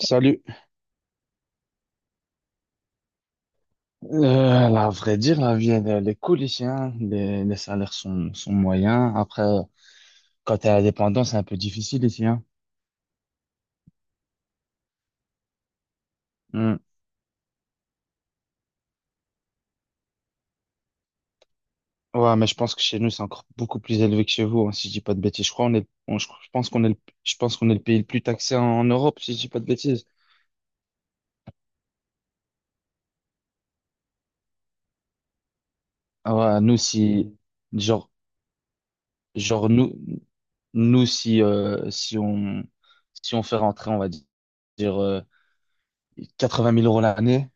Salut. La vrai dire, la vie, elle est cool ici, hein. Les salaires sont moyens. Après, quand t'es indépendant, c'est un peu difficile ici, hein. Hmm. Ouais, mais je pense que chez nous, c'est encore beaucoup plus élevé que chez vous, hein, si je dis pas de bêtises. Je crois, on est, on- je pense qu'on est, le- je pense qu'on est le pays le plus taxé en, en Europe, si je dis pas de bêtises. Ah ouais, nous, si, genre, genre, nous, si, si on, si on fait rentrer, on va dire, 80 000 euros l'année,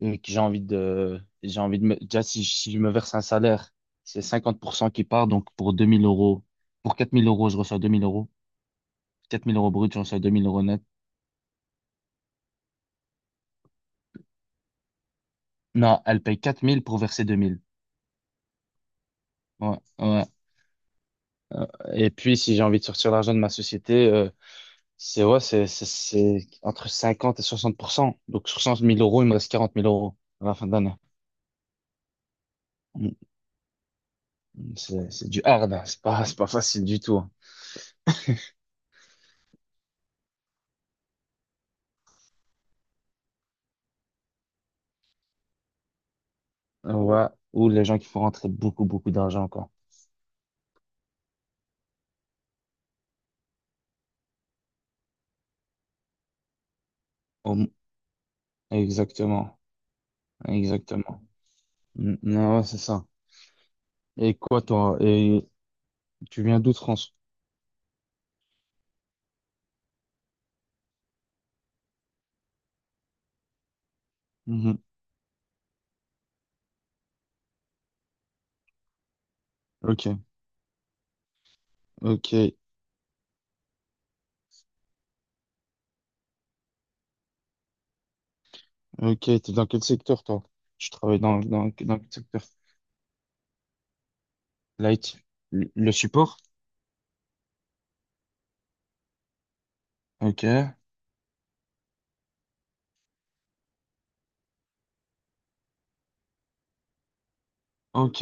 mais que j'ai envie de me, déjà, si, si je me verse un salaire, c'est 50% qui part, donc pour 2000 euros, pour 4000 euros, je reçois 2000 euros, quatre mille euros brut, je reçois 2000 euros net. Non, elle paye 4000 pour verser deux mille. Ouais, ouais. Euh, Et puis, si j'ai envie de sortir l'argent de ma société, c'est, ouais, c'est entre 50 et soixante pour cent. Donc, sur cent mille euros, il me reste quarante mille euros à la fin de l'année. Mm, mm. C'est du hard, hein, c'est pas facile du tout, hein. Ouais. Ou les gens qui font rentrer beaucoup, beaucoup d'argent, quoi. Au, exactement, exactement. Mm. Non, ouais, c'est ça. Et quoi, toi? Et tu viens d'où, de France? Mhm. Ok, ok, ok. T'es dans quel secteur, toi? Tu travailles dans quel secteur? Light. Le support? Ok, ok.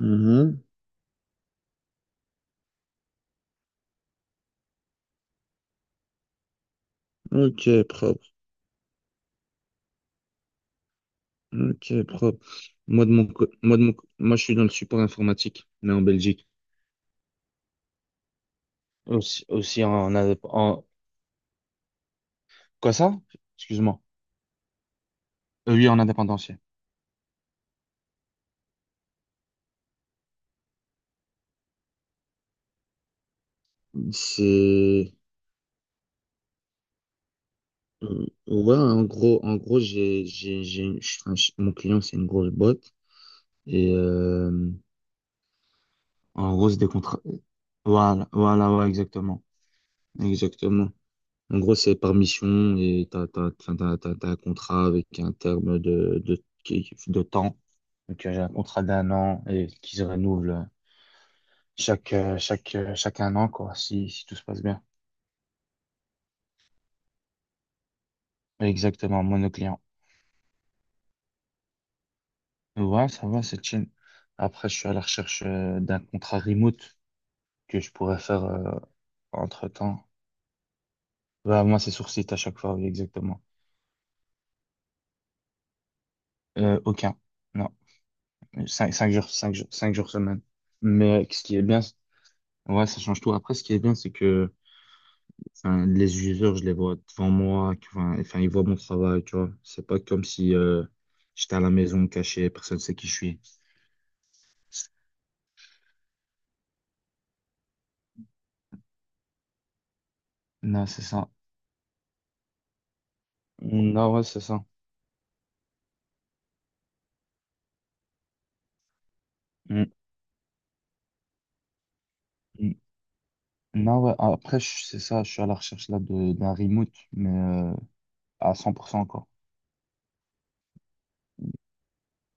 Mhm. Ok, propre. Ok, propre. Moi, de mon, co- moi, de mon, co- moi, je suis dans le support informatique, mais en Belgique. Aussi, aussi en, quoi ça? Excuse-moi. Oui, en indépendanciel. C'est Ouais, en gros, j'ai, une- je- enfin, je- mon client, c'est une grosse boîte. Et en gros, c'est des contrats. Voilà, voilà, ouais, exactement. Exactement. En gros, c'est par mission et t'as, t'as, enfin, t'as, t'as, t'as un contrat avec un terme de temps. Donc, j'ai un contrat d'un an et qui se renouvelle chaque un an, quoi, si, si tout se passe bien. Exactement, monoclient. Ouais, ça va, c'est chill. Après, je suis à la recherche d'un contrat remote que je pourrais faire entre-temps. Bah, moi, c'est sur site à chaque fois, oui, exactement. Aucun. Non. Cinq, cinq jours, cinq jours semaine. Mais ce qui est bien, c'est- ouais, ça change tout. Après, ce qui est bien, c'est que enfin, les users, je les vois devant moi, ils voient mon travail, tu vois. C'est pas comme si j'étais à la maison caché, personne sait qui je suis. Non, c'est ça. Non, ouais, c'est ça. Mm, mm. Non, ouais, après, c'est ça, je suis à la recherche là de d'un remote, mais à cent encore.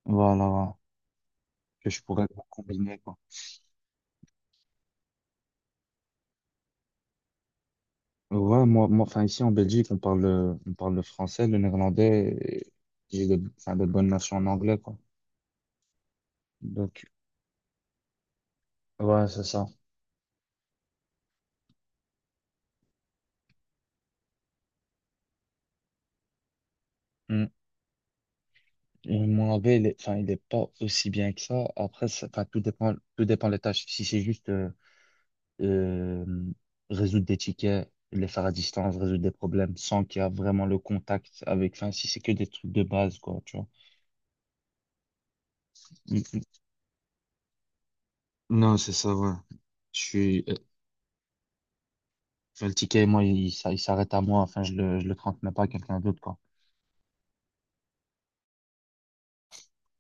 Voilà, ouais. Que je pourrais combiner, quoi. Ouais, moi, ici en Belgique, on parle le français, le néerlandais, et j'ai de, enfin, de bonnes notions en anglais, quoi. Donc, ouais, c'est ça. Mm. Et mon anglais, il est pas aussi bien que ça. Après, tout dépend des tâches. Si c'est juste euh, résoudre des tickets, les faire à distance, résoudre des problèmes sans qu'il y a vraiment le contact avec, enfin, si c'est que des trucs de base, quoi, tu vois. Mm, mm. Non, c'est ça, ouais. Je suis, Je le ticket, moi, il, s'a- il s'arrête à moi. Enfin, je le transmets pas à quelqu'un d'autre, quoi.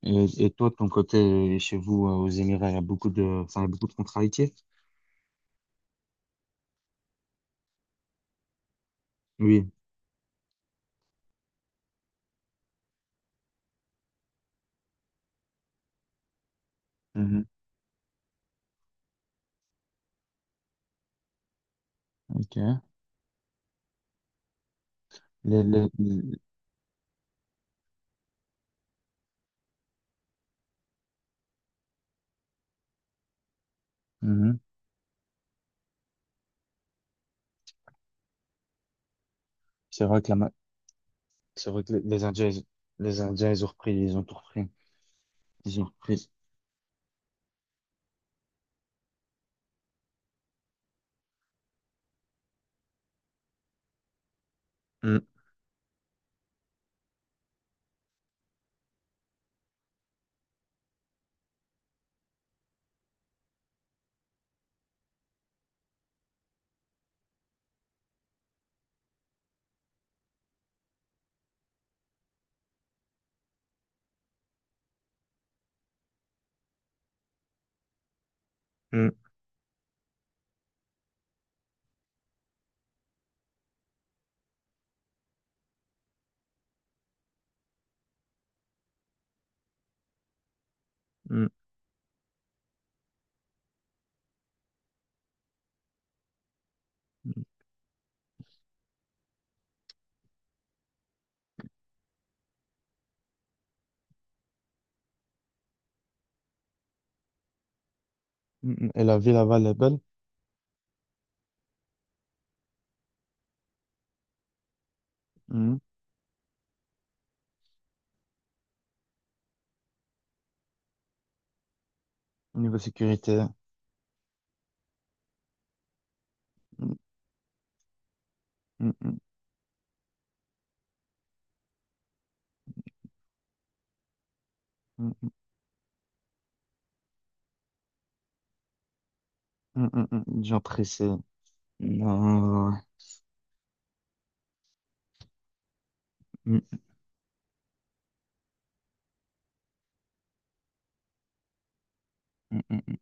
Et toi, de ton côté, chez vous, aux Émirats, il y a beaucoup de, enfin, il y a beaucoup de contrariétés? Oui. Mhm. Ok. Les, les, les- mhm. C'est vrai que la, ma- c'est vrai que les Indiens, les Indiens, ils ont repris, ils ont tout repris. Ils ont repris. Mhm. Mhm. Et la ville là-bas, elle est belle. Mhm. Niveau sécurité. Mhm. Mhm. Mhm. Mhm. Mhm. Des gens pressés. Non. Mm-hmm. Mm-hmm.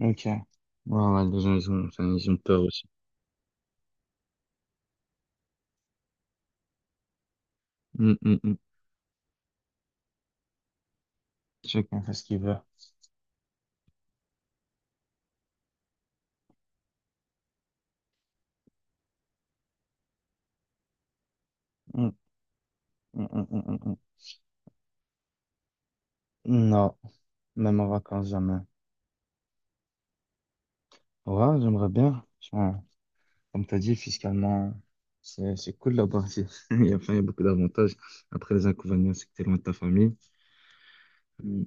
Ok. Ouais, ouais, les gens, ils ont, enfin, ils ont peur aussi. Mm, mm, mm. Chacun fait ce qu'il veut. Mm, mm, mm, mm, mm, mm. Non, même en vacances, jamais. Ouais, j'aimerais bien. Franchement, comme tu as dit, fiscalement, c'est cool là-bas. Il y a beaucoup d'avantages. Après, les inconvénients, c'est que tu es loin de ta famille. Mm,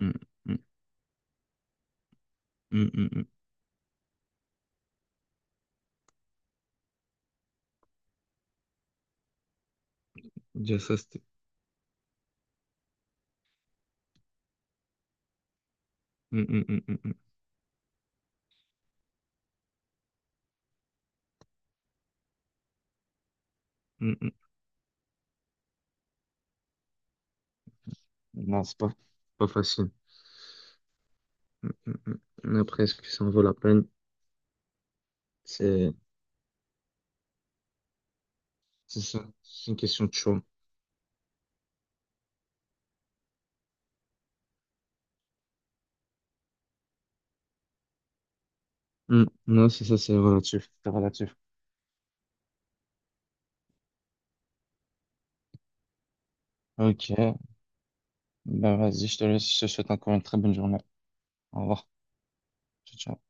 mm, mm, mm, mm, mm, mm. Déjà, ça, c'était. Mm, mm, mm, mm, mm, mm, mm. Non, c'est pas, pas facile. Mm, mm, mm. Mais après, est-ce que ça en vaut la peine? C'est c'est ça. C'est une question de choix. Mm. Non, c'est ça, c'est relatif. C'est relatif. Ok. Ben vas-y, je te laisse, je te souhaite encore une très bonne journée. Au revoir. Ciao, ciao.